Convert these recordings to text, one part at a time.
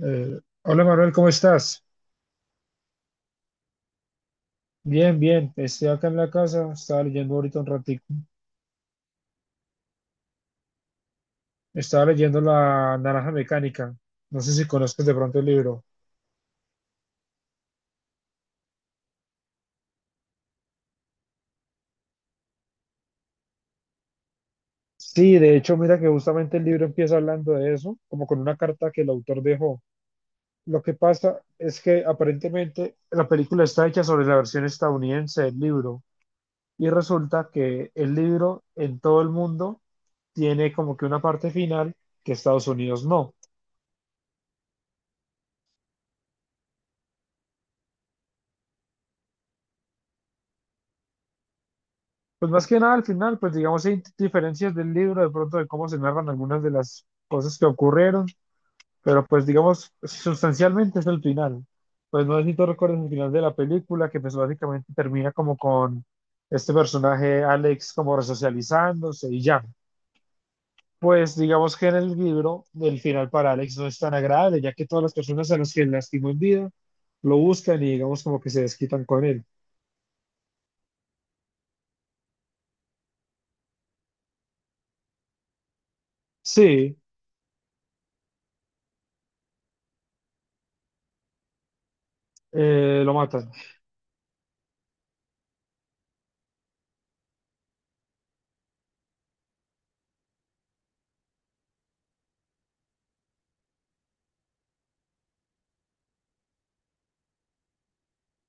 Hola Manuel, ¿cómo estás? Bien, bien, estoy acá en la casa, estaba leyendo ahorita un ratico. Estaba leyendo La Naranja Mecánica, no sé si conozcas de pronto el libro. Sí, de hecho, mira que justamente el libro empieza hablando de eso, como con una carta que el autor dejó. Lo que pasa es que aparentemente la película está hecha sobre la versión estadounidense del libro y resulta que el libro en todo el mundo tiene como que una parte final que Estados Unidos no. Pues más que nada al final, pues digamos, hay diferencias del libro de pronto de cómo se narran algunas de las cosas que ocurrieron, pero pues digamos, sustancialmente es el final. Pues no sé si tú recuerdas el final de la película, que pues básicamente termina como con este personaje Alex como resocializándose y ya. Pues digamos que en el libro el final para Alex no es tan agradable, ya que todas las personas a las que lastimó en vida lo buscan y digamos como que se desquitan con él. Sí, lo matan.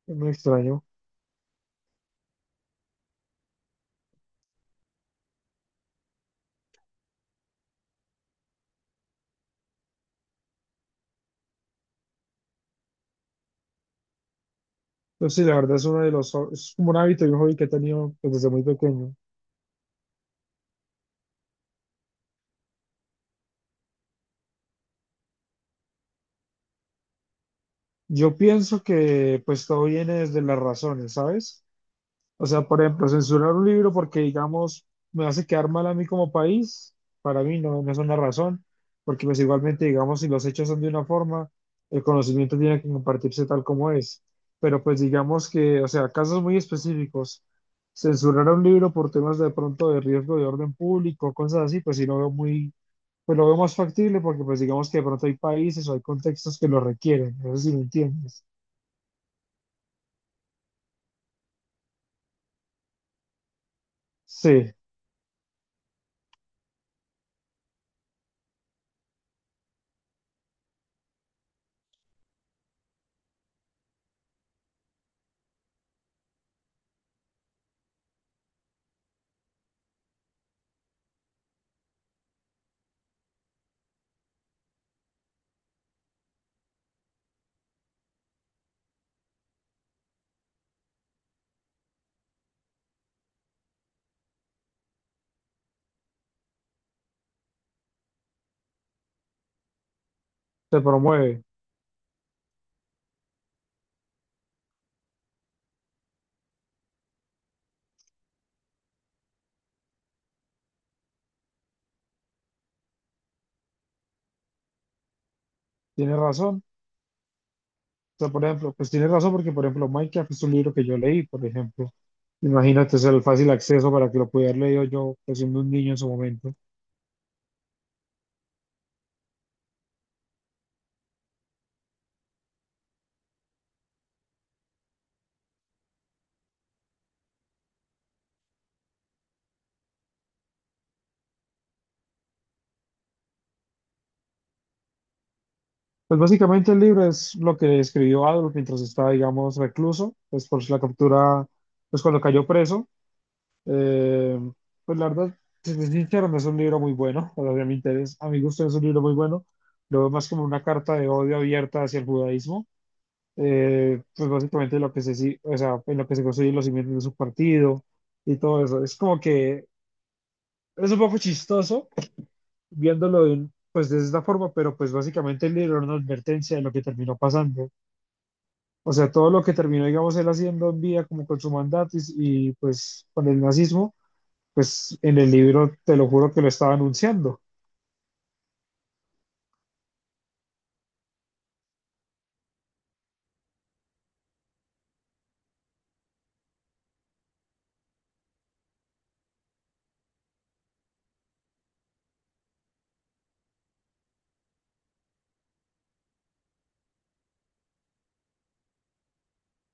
Muy extraño. Entonces sí, la verdad es uno de los, es como un hábito y un hobby que he tenido pues, desde muy pequeño. Yo pienso que pues todo viene desde las razones, ¿sabes? O sea, por ejemplo, censurar un libro porque, digamos, me hace quedar mal a mí como país, para mí no, no es una razón, porque pues igualmente, digamos, si los hechos son de una forma, el conocimiento tiene que compartirse tal como es. Pero pues digamos que, o sea, casos muy específicos, censurar un libro por temas de pronto de riesgo de orden público, cosas así, pues sí lo veo muy pues lo veo más factible porque pues digamos que de pronto hay países o hay contextos que lo requieren, no sé si me entiendes. Sí, se promueve, tienes razón. O sea, por ejemplo, pues tienes razón porque, por ejemplo, Minecraft es un libro que yo leí, por ejemplo. Imagínate es el fácil acceso para que lo pudiera haber leído yo, pues, siendo un niño en su momento. Pues básicamente el libro es lo que escribió Adolf mientras estaba, digamos, recluso, pues por la captura, pues cuando cayó preso. Eh, pues la verdad, si soy sincero, no es un libro muy bueno, o sea, a mi interés, a mi gusto no es un libro muy bueno, lo veo más como una carta de odio abierta hacia el judaísmo, pues básicamente lo que se, si- o sea, en lo que se construyen los cimientos de su partido y todo eso. Es como que es un poco chistoso viéndolo pues de esta forma, pero pues básicamente el libro era una advertencia de lo que terminó pasando. O sea, todo lo que terminó, digamos, él haciendo en vida como con su mandato y pues con el nazismo, pues en el libro te lo juro que lo estaba anunciando.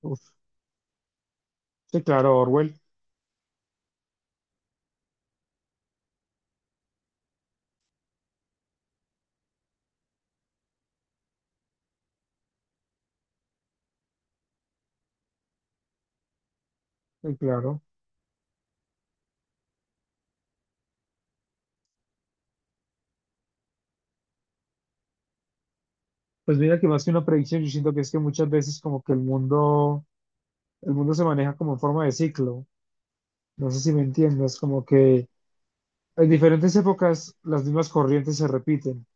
Uf, sí, claro, Orwell, sí, claro. Pues mira que más que una predicción, yo siento que es que muchas veces como que el mundo se maneja como en forma de ciclo. No sé si me entiendes, como que en diferentes épocas las mismas corrientes se repiten.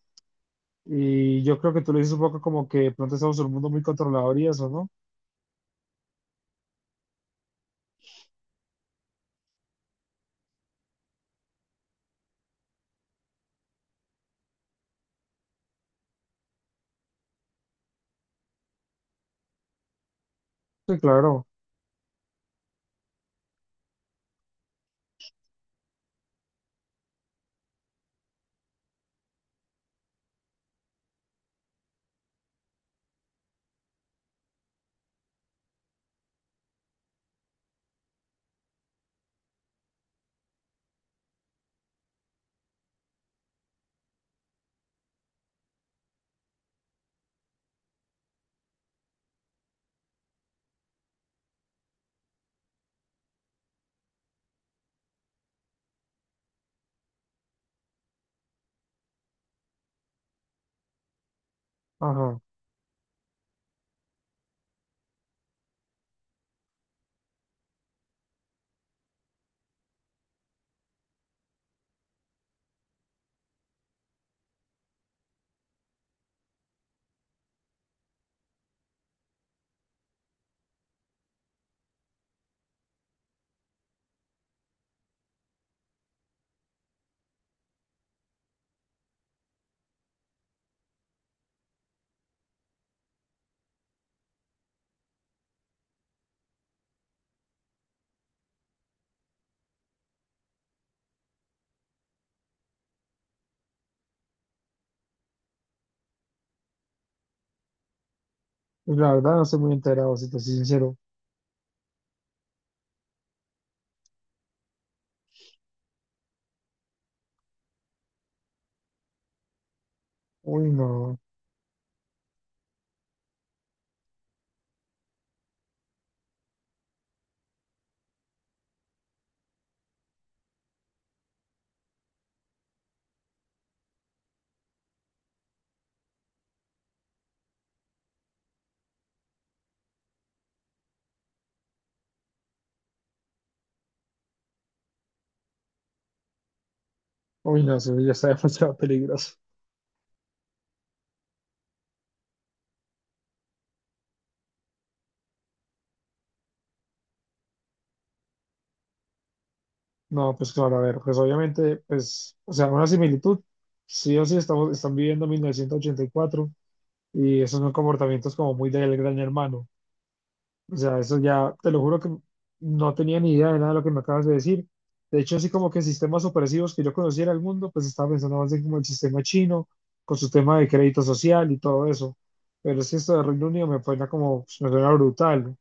Y yo creo que tú lo dices un poco como que de pronto estamos en un mundo muy controlador y eso, ¿no? Sí, claro. Ajá. Pues la verdad no estoy muy enterado, si te soy sincero. Uy, no. Uy, no, eso ya está demasiado peligroso. No, pues claro, a ver, pues obviamente, pues, o sea, una similitud. Sí o sí están viviendo 1984 y cuatro y esos son comportamientos como muy del gran hermano. O sea, eso ya, te lo juro que no tenía ni idea de nada de lo que me acabas de decir. De hecho, así como que sistemas opresivos que yo conociera el mundo, pues estaba pensando más en como el sistema chino, con su tema de crédito social y todo eso. Pero es que esto de Reino Unido me suena como, me suena brutal.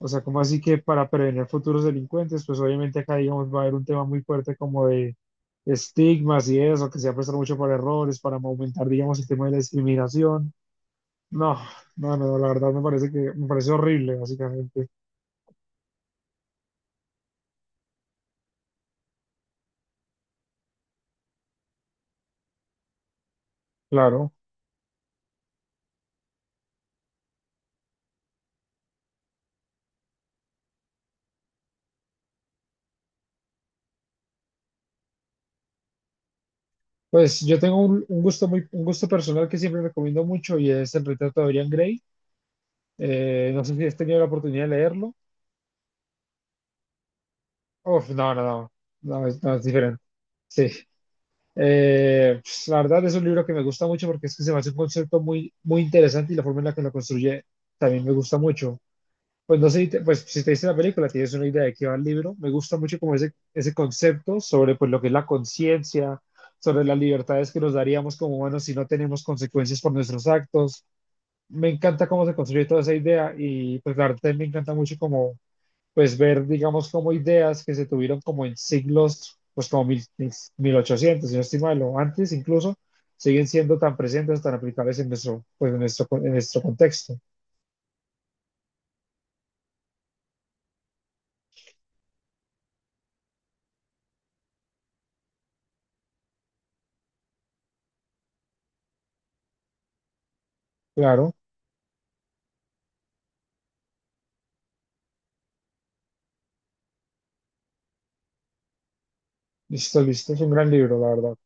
O sea, como así que para prevenir futuros delincuentes, pues obviamente acá, digamos, va a haber un tema muy fuerte como de estigmas y eso, que se va a prestar mucho para errores, para aumentar, digamos, el tema de la discriminación. No, no, no, la verdad me parece horrible, básicamente. Claro. Pues yo tengo un un gusto personal que siempre recomiendo mucho y es el retrato de Dorian Gray. No sé si has tenido la oportunidad de leerlo. Uf, no, no, no, no, es, no, es diferente. Sí. Pues, la verdad es un libro que me gusta mucho porque es que se me hace un concepto muy, muy interesante y la forma en la que lo construye también me gusta mucho. Pues no sé, pues si te dice la película, tienes una idea de qué va el libro. Me gusta mucho como ese concepto sobre pues lo que es la conciencia, sobre las libertades que nos daríamos como humanos si no tenemos consecuencias por nuestros actos. Me encanta cómo se construye toda esa idea y pues la verdad me encanta mucho como pues ver, digamos, como ideas que se tuvieron como en siglos, pues como ochocientos si no estoy mal, o antes incluso, siguen siendo tan presentes, tan aplicables en nuestro, en nuestro contexto. Claro, listo, listo, es un gran libro, la verdad.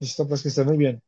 Listo, pues que esté muy bien.